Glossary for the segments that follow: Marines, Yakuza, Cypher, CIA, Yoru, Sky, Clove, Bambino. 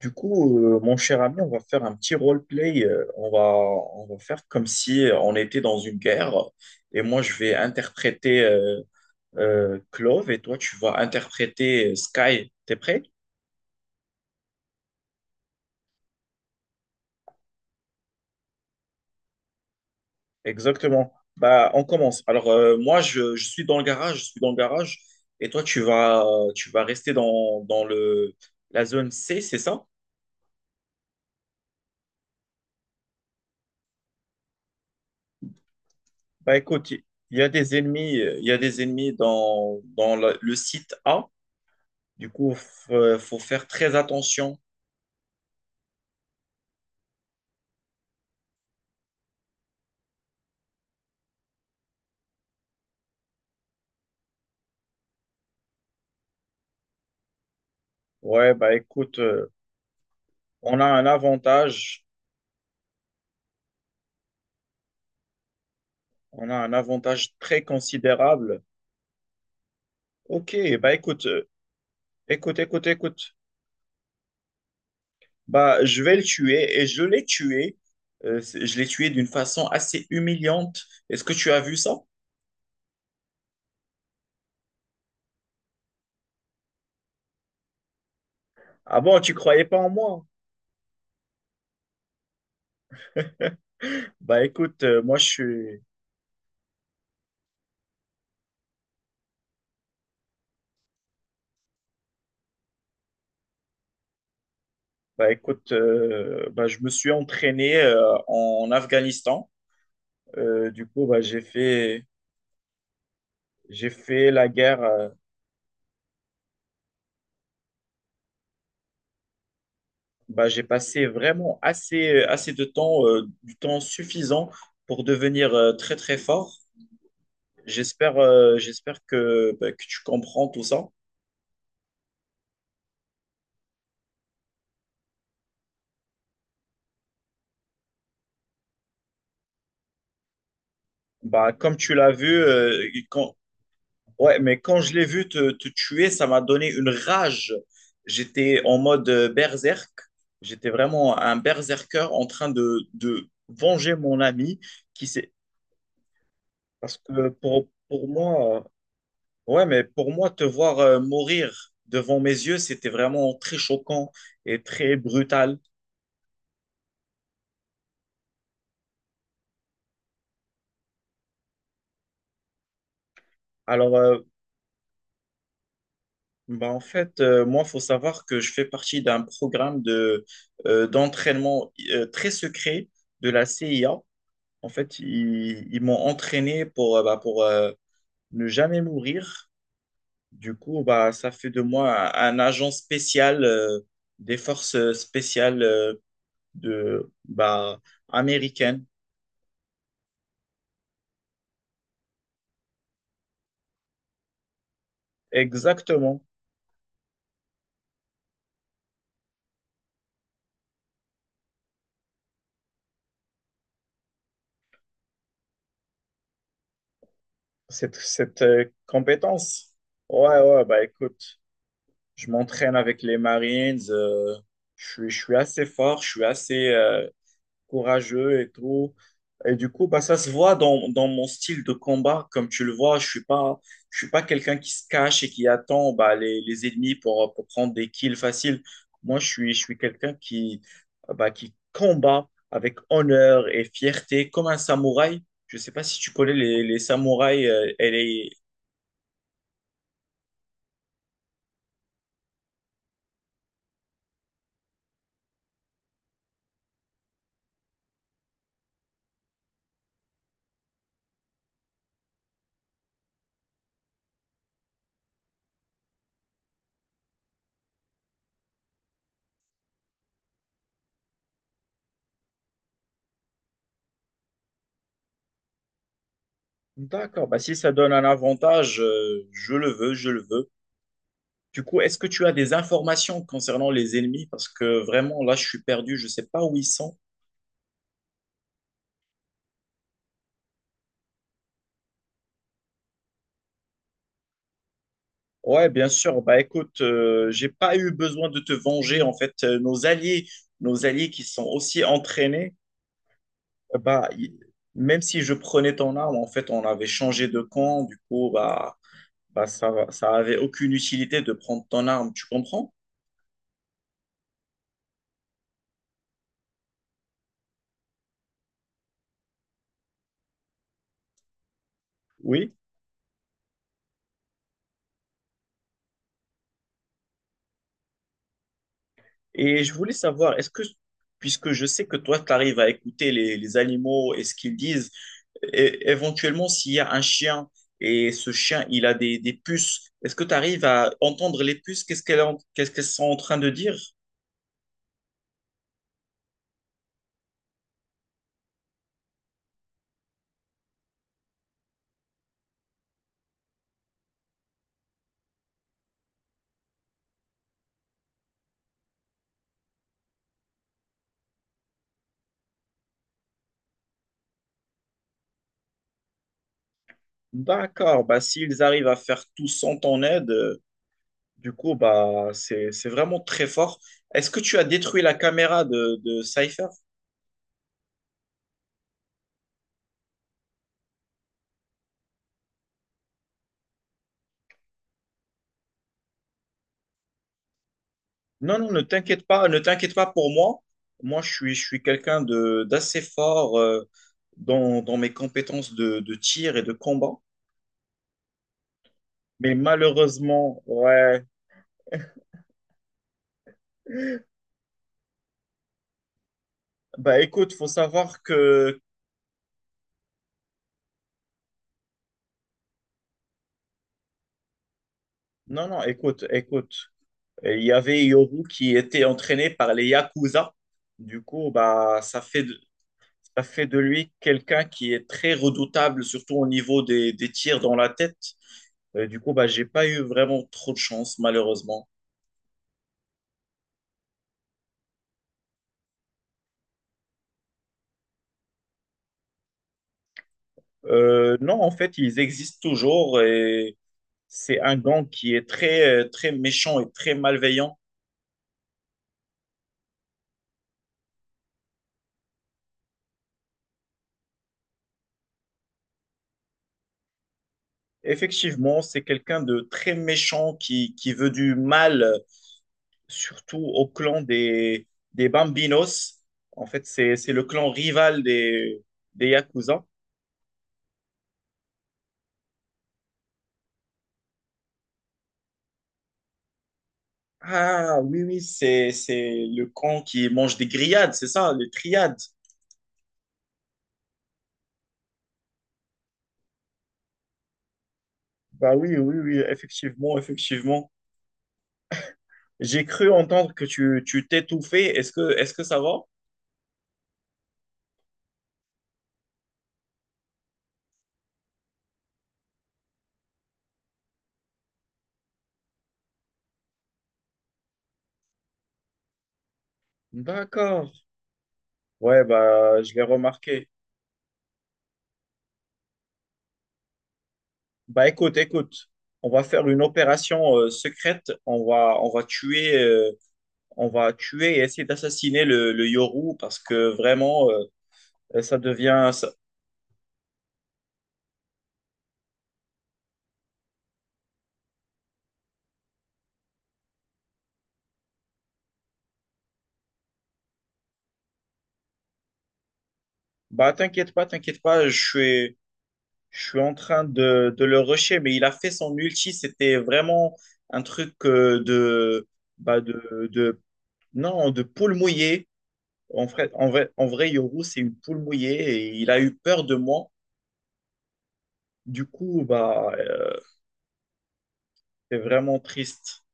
Du coup, mon cher ami, on va faire un petit roleplay. On va, on va faire comme si on était dans une guerre. Et moi, je vais interpréter Clove, et toi, tu vas interpréter Sky. T'es prêt? Exactement. Bah, on commence. Alors, moi, je suis dans le garage. Je suis dans le garage. Et toi, tu vas rester dans la zone C, c'est ça? Bah, écoute, il y a des ennemis, il y a des ennemis dans le site A. Du coup, faut faire très attention. Ouais, bah écoute, on a un avantage, on a un avantage très considérable. Ok, bah écoute, écoute, écoute, écoute. Bah, je vais le tuer et je l'ai tué. Je l'ai tué d'une façon assez humiliante. Est-ce que tu as vu ça? Ah bon, tu croyais pas en moi? Bah écoute, moi je suis, bah écoute, bah, je me suis entraîné en Afghanistan. Du coup, bah, j'ai fait la guerre. Bah, j'ai passé vraiment assez de temps, du temps suffisant pour devenir très très fort. J'espère j'espère que, bah, que tu comprends tout ça. Bah, comme tu l'as vu, quand... ouais, mais quand je l'ai vu te tuer, ça m'a donné une rage. J'étais en mode berserk. J'étais vraiment un berserker en train de venger mon ami qui s'est... Parce que pour moi... Ouais, mais pour moi, te voir mourir devant mes yeux, c'était vraiment très choquant et très brutal. Alors, bah, en fait, moi, faut savoir que je fais partie d'un programme d'entraînement très secret de la CIA. En fait, ils m'ont entraîné bah, pour ne jamais mourir. Du coup, bah, ça fait de moi un agent spécial des forces spéciales de, bah, américaines. Exactement. Cette, cette compétence? Ouais, ouais, bah écoute, je m'entraîne avec les Marines, je suis assez fort, je suis assez courageux et tout. Et du coup, bah, ça se voit dans mon style de combat. Comme tu le vois, je suis pas quelqu'un qui se cache et qui attend bah, les ennemis pour prendre des kills faciles. Moi, je suis quelqu'un qui, bah, qui combat avec honneur et fierté, comme un samouraï. Je sais pas si tu connais les samouraïs et les, d'accord, bah, si ça donne un avantage, je le veux, je le veux. Du coup, est-ce que tu as des informations concernant les ennemis? Parce que vraiment, là, je suis perdu, je ne sais pas où ils sont. Ouais, bien sûr. Bah écoute, j'ai pas eu besoin de te venger. En fait, nos alliés qui sont aussi entraînés, euh, bah y- même si je prenais ton arme, en fait, on avait changé de camp. Du coup, bah, bah ça, ça avait aucune utilité de prendre ton arme. Tu comprends? Oui. Et je voulais savoir, puisque je sais que toi, tu arrives à écouter les animaux et ce qu'ils disent, éventuellement, s'il y a un chien et ce chien, il a des puces, est-ce que tu arrives à entendre les puces? Qu'est-ce qu'elles sont en train de dire? D'accord, bah, s'ils arrivent à faire tout sans ton aide, du coup, bah, c'est vraiment très fort. Est-ce que tu as détruit la caméra de Cypher? Non, non, ne t'inquiète pas, ne t'inquiète pas pour moi. Moi, je suis quelqu'un de d'assez fort dans, dans mes compétences de tir et de combat. Mais malheureusement, ouais. Bah écoute, faut savoir que. Non, non, écoute, écoute. Il y avait Yoru qui était entraîné par les Yakuza. Du coup, bah, ça fait de lui quelqu'un qui est très redoutable, surtout au niveau des tirs dans la tête. Du coup, bah, j'ai pas eu vraiment trop de chance, malheureusement. Non, en fait, ils existent toujours et c'est un gang qui est très, très méchant et très malveillant. Effectivement, c'est quelqu'un de très méchant qui veut du mal, surtout au clan des Bambinos. En fait, c'est le clan rival des Yakuza. Ah oui, oui, c'est le clan qui mange des grillades, c'est ça, les triades. Bah oui, oui, oui, effectivement, effectivement. J'ai cru entendre que tu t'étouffais. Est-ce que ça va? D'accord. Ouais, bah je l'ai remarqué. Bah écoute, écoute, on va faire une opération secrète. On va tuer et essayer d'assassiner le Yoru parce que vraiment ça devient ça- bah t'inquiète pas, je suis. Je suis en train de le rusher, mais il a fait son ulti. C'était vraiment un truc bah de, non, de poule mouillée. En vrai, en vrai, en vrai, Yoru, c'est une poule mouillée et il a eu peur de moi. Du coup, bah, c'est vraiment triste.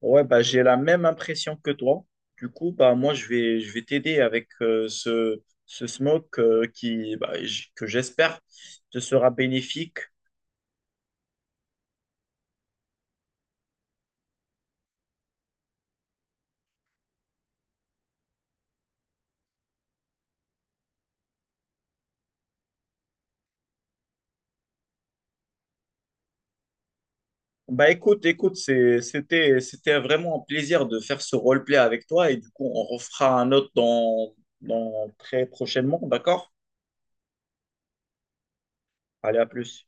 Ouais, bah, j'ai la même impression que toi. Du coup, bah, moi, je vais t'aider avec ce, ce smoke qui, que j'espère te sera bénéfique. Bah écoute, écoute, c'était vraiment un plaisir de faire ce roleplay avec toi et du coup, on refera un autre dans, dans très prochainement, d'accord? Allez, à plus.